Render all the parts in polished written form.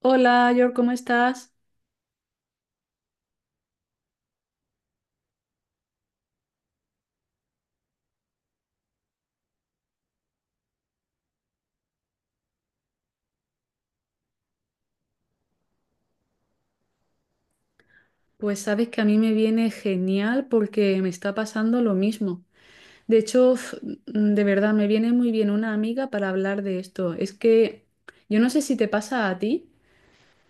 Hola, York, ¿cómo estás? Pues sabes que a mí me viene genial porque me está pasando lo mismo. De hecho, de verdad, me viene muy bien una amiga para hablar de esto. Es que yo no sé si te pasa a ti,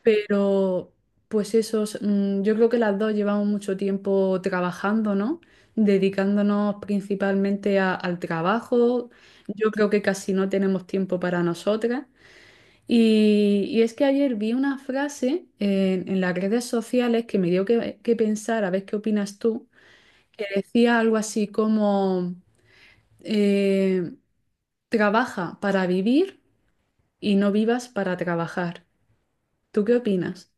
pero pues yo creo que las dos llevamos mucho tiempo trabajando, ¿no? Dedicándonos principalmente al trabajo. Yo creo que casi no tenemos tiempo para nosotras. Y es que ayer vi una frase en las redes sociales que me dio que pensar, a ver qué opinas tú, que decía algo así como, eh, trabaja para vivir y no vivas para trabajar. ¿Tú qué opinas?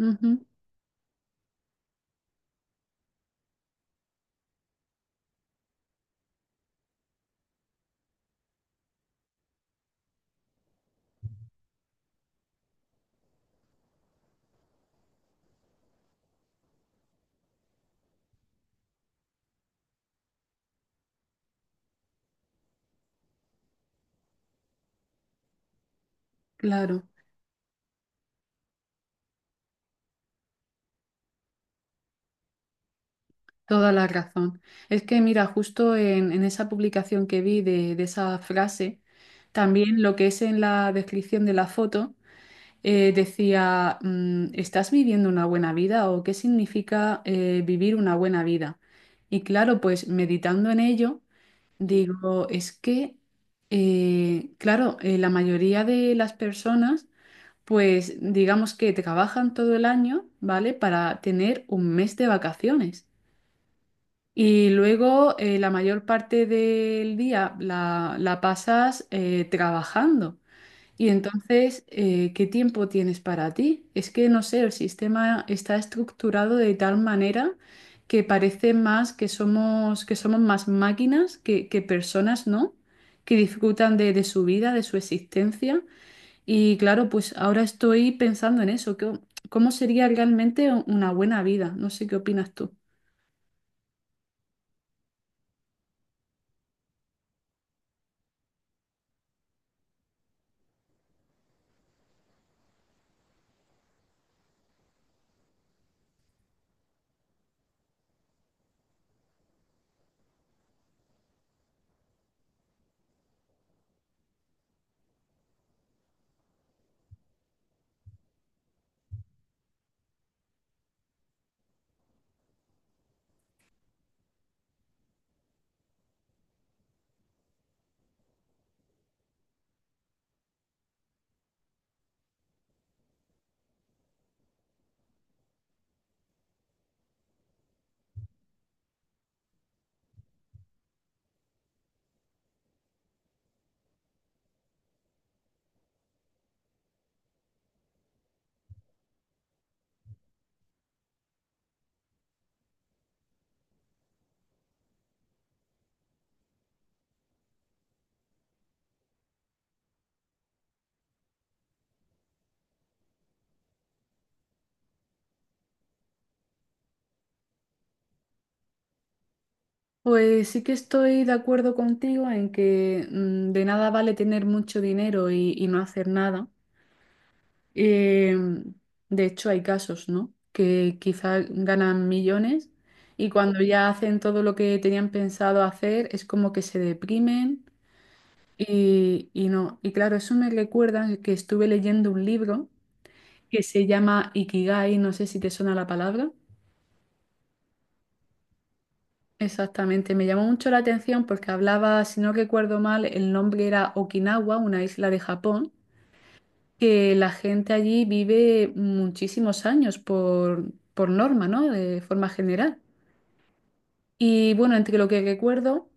Ujú, claro, toda la razón. Es que mira, justo en esa publicación que vi de esa frase, también lo que es en la descripción de la foto. Decía, ¿estás viviendo una buena vida o qué significa vivir una buena vida? Y claro, pues meditando en ello, digo, es que, claro, la mayoría de las personas, pues digamos que trabajan todo el año, ¿vale? Para tener un mes de vacaciones. Y luego la mayor parte del día la pasas trabajando. Y entonces, ¿qué tiempo tienes para ti? Es que no sé, el sistema está estructurado de tal manera que parece más que somos más máquinas que personas, ¿no? Que disfrutan de su vida, de su existencia. Y claro, pues ahora estoy pensando en eso, ¿cómo sería realmente una buena vida? No sé qué opinas tú. Pues sí que estoy de acuerdo contigo en que de nada vale tener mucho dinero y no hacer nada. Eh, de hecho, hay casos, ¿no? Que quizás ganan millones y cuando ya hacen todo lo que tenían pensado hacer, es como que se deprimen y no. Y claro, eso me recuerda que estuve leyendo un libro que se llama Ikigai, no sé si te suena la palabra. Exactamente, me llamó mucho la atención porque hablaba, si no recuerdo mal, el nombre era Okinawa, una isla de Japón, que la gente allí vive muchísimos años por norma, ¿no? De forma general. Y bueno, entre lo que recuerdo,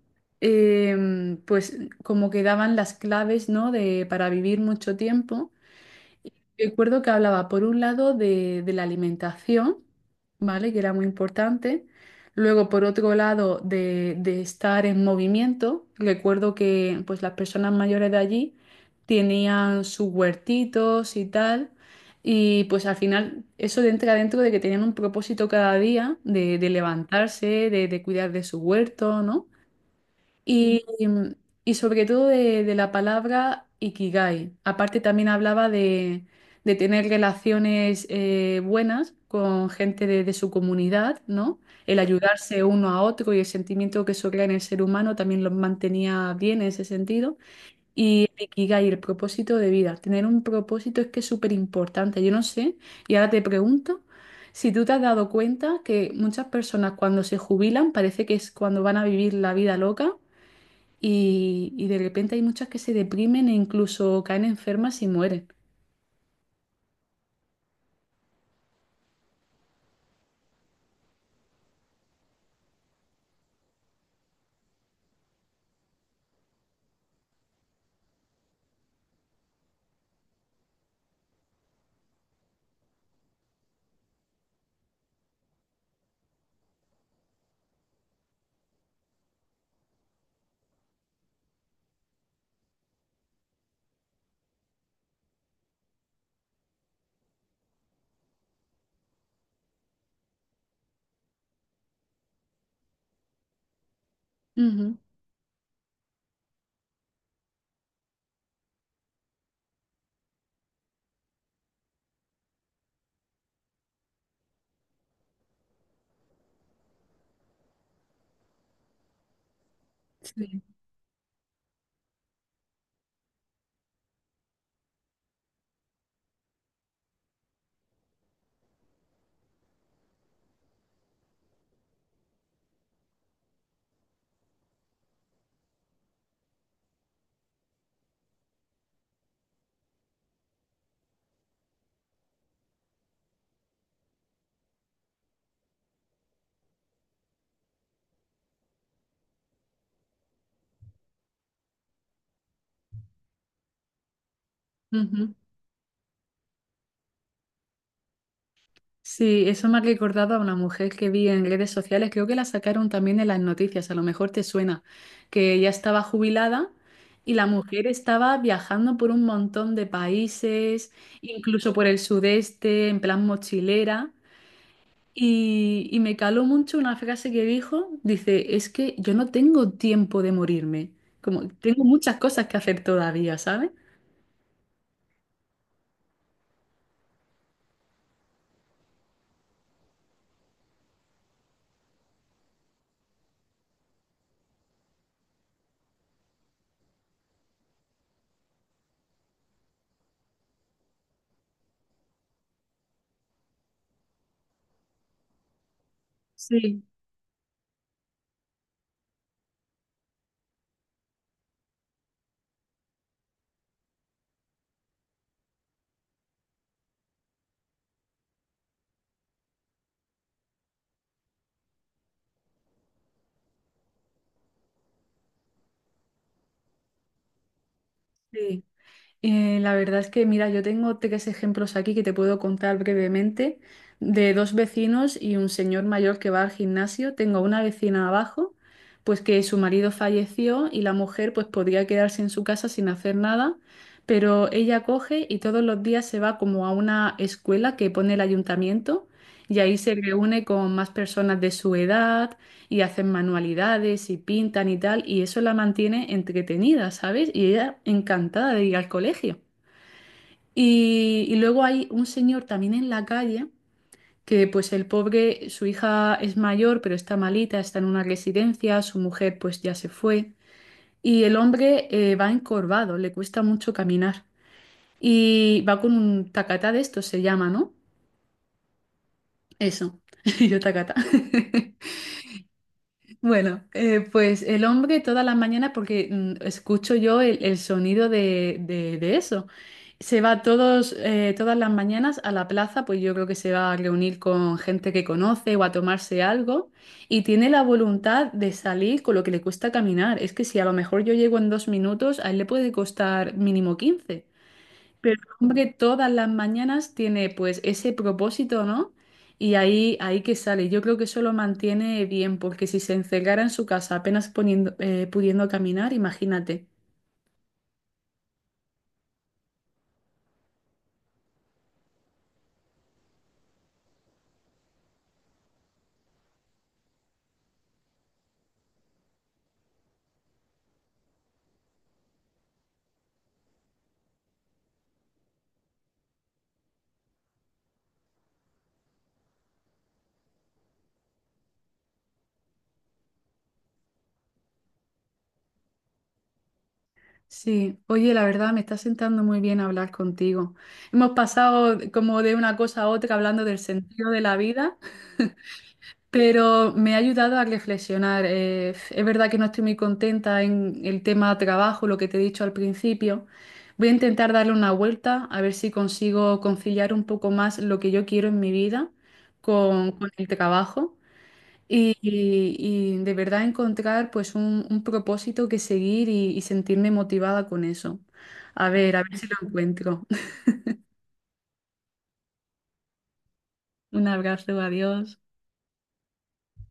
pues como que daban las claves, ¿no? De, para vivir mucho tiempo. Recuerdo que hablaba por un lado de la alimentación, ¿vale? Que era muy importante. Luego, por otro lado, de estar en movimiento. Recuerdo que pues, las personas mayores de allí tenían sus huertitos y tal. Y pues al final eso entra dentro de que tenían un propósito cada día de levantarse, de cuidar de su huerto, ¿no? Y, mm, y sobre todo de la palabra ikigai. Aparte también hablaba de tener relaciones buenas con gente de su comunidad, ¿no? El ayudarse uno a otro y el sentimiento que eso crea en el ser humano también lo mantenía bien en ese sentido. Y el ikigai, el propósito de vida. Tener un propósito es que es súper importante. Yo no sé, y ahora te pregunto. Si tú te has dado cuenta que muchas personas cuando se jubilan parece que es cuando van a vivir la vida loca, y de repente hay muchas que se deprimen e incluso caen enfermas y mueren. Ujú. Sí, ujú. Sí, eso me ha recordado a una mujer que vi en redes sociales, creo que la sacaron también en las noticias, a lo mejor te suena, que ya estaba jubilada y la mujer estaba viajando por un montón de países, incluso por el sudeste, en plan mochilera. Y me caló mucho una frase que dijo, dice, es que yo no tengo tiempo de morirme, como tengo muchas cosas que hacer todavía, ¿sabes? Sí. Sí. La verdad es que, mira, yo tengo tres ejemplos aquí que te puedo contar brevemente de dos vecinos y un señor mayor que va al gimnasio. Tengo una vecina abajo, pues que su marido falleció y la mujer pues podría quedarse en su casa sin hacer nada, pero ella coge y todos los días se va como a una escuela que pone el ayuntamiento y ahí se reúne con más personas de su edad y hacen manualidades y pintan y tal, y eso la mantiene entretenida, ¿sabes? Y ella encantada de ir al colegio. Y luego hay un señor también en la calle que pues el pobre, su hija es mayor, pero está malita, está en una residencia, su mujer pues ya se fue, y el hombre va encorvado, le cuesta mucho caminar, y va con un tacatá de estos, se llama, ¿no? Eso, yo tacatá. Bueno, pues el hombre toda la mañana, porque escucho yo el sonido de eso. Se va todas las mañanas a la plaza, pues yo creo que se va a reunir con gente que conoce o a tomarse algo y tiene la voluntad de salir con lo que le cuesta caminar. Es que si a lo mejor yo llego en 2 minutos, a él le puede costar mínimo 15. Pero el hombre todas las mañanas tiene pues ese propósito, ¿no? Y ahí, ahí que sale. Yo creo que eso lo mantiene bien, porque si se encerrara en su casa apenas poniendo, pudiendo caminar, imagínate. Sí, oye, la verdad me está sentando muy bien hablar contigo. Hemos pasado como de una cosa a otra hablando del sentido de la vida. Pero me ha ayudado a reflexionar. Es verdad que no estoy muy contenta en el tema trabajo, lo que te he dicho al principio. Voy a intentar darle una vuelta, a ver si consigo conciliar un poco más lo que yo quiero en mi vida con el trabajo y de verdad encontrar pues un propósito que seguir y sentirme motivada con eso. A ver si lo encuentro. Un abrazo, adiós.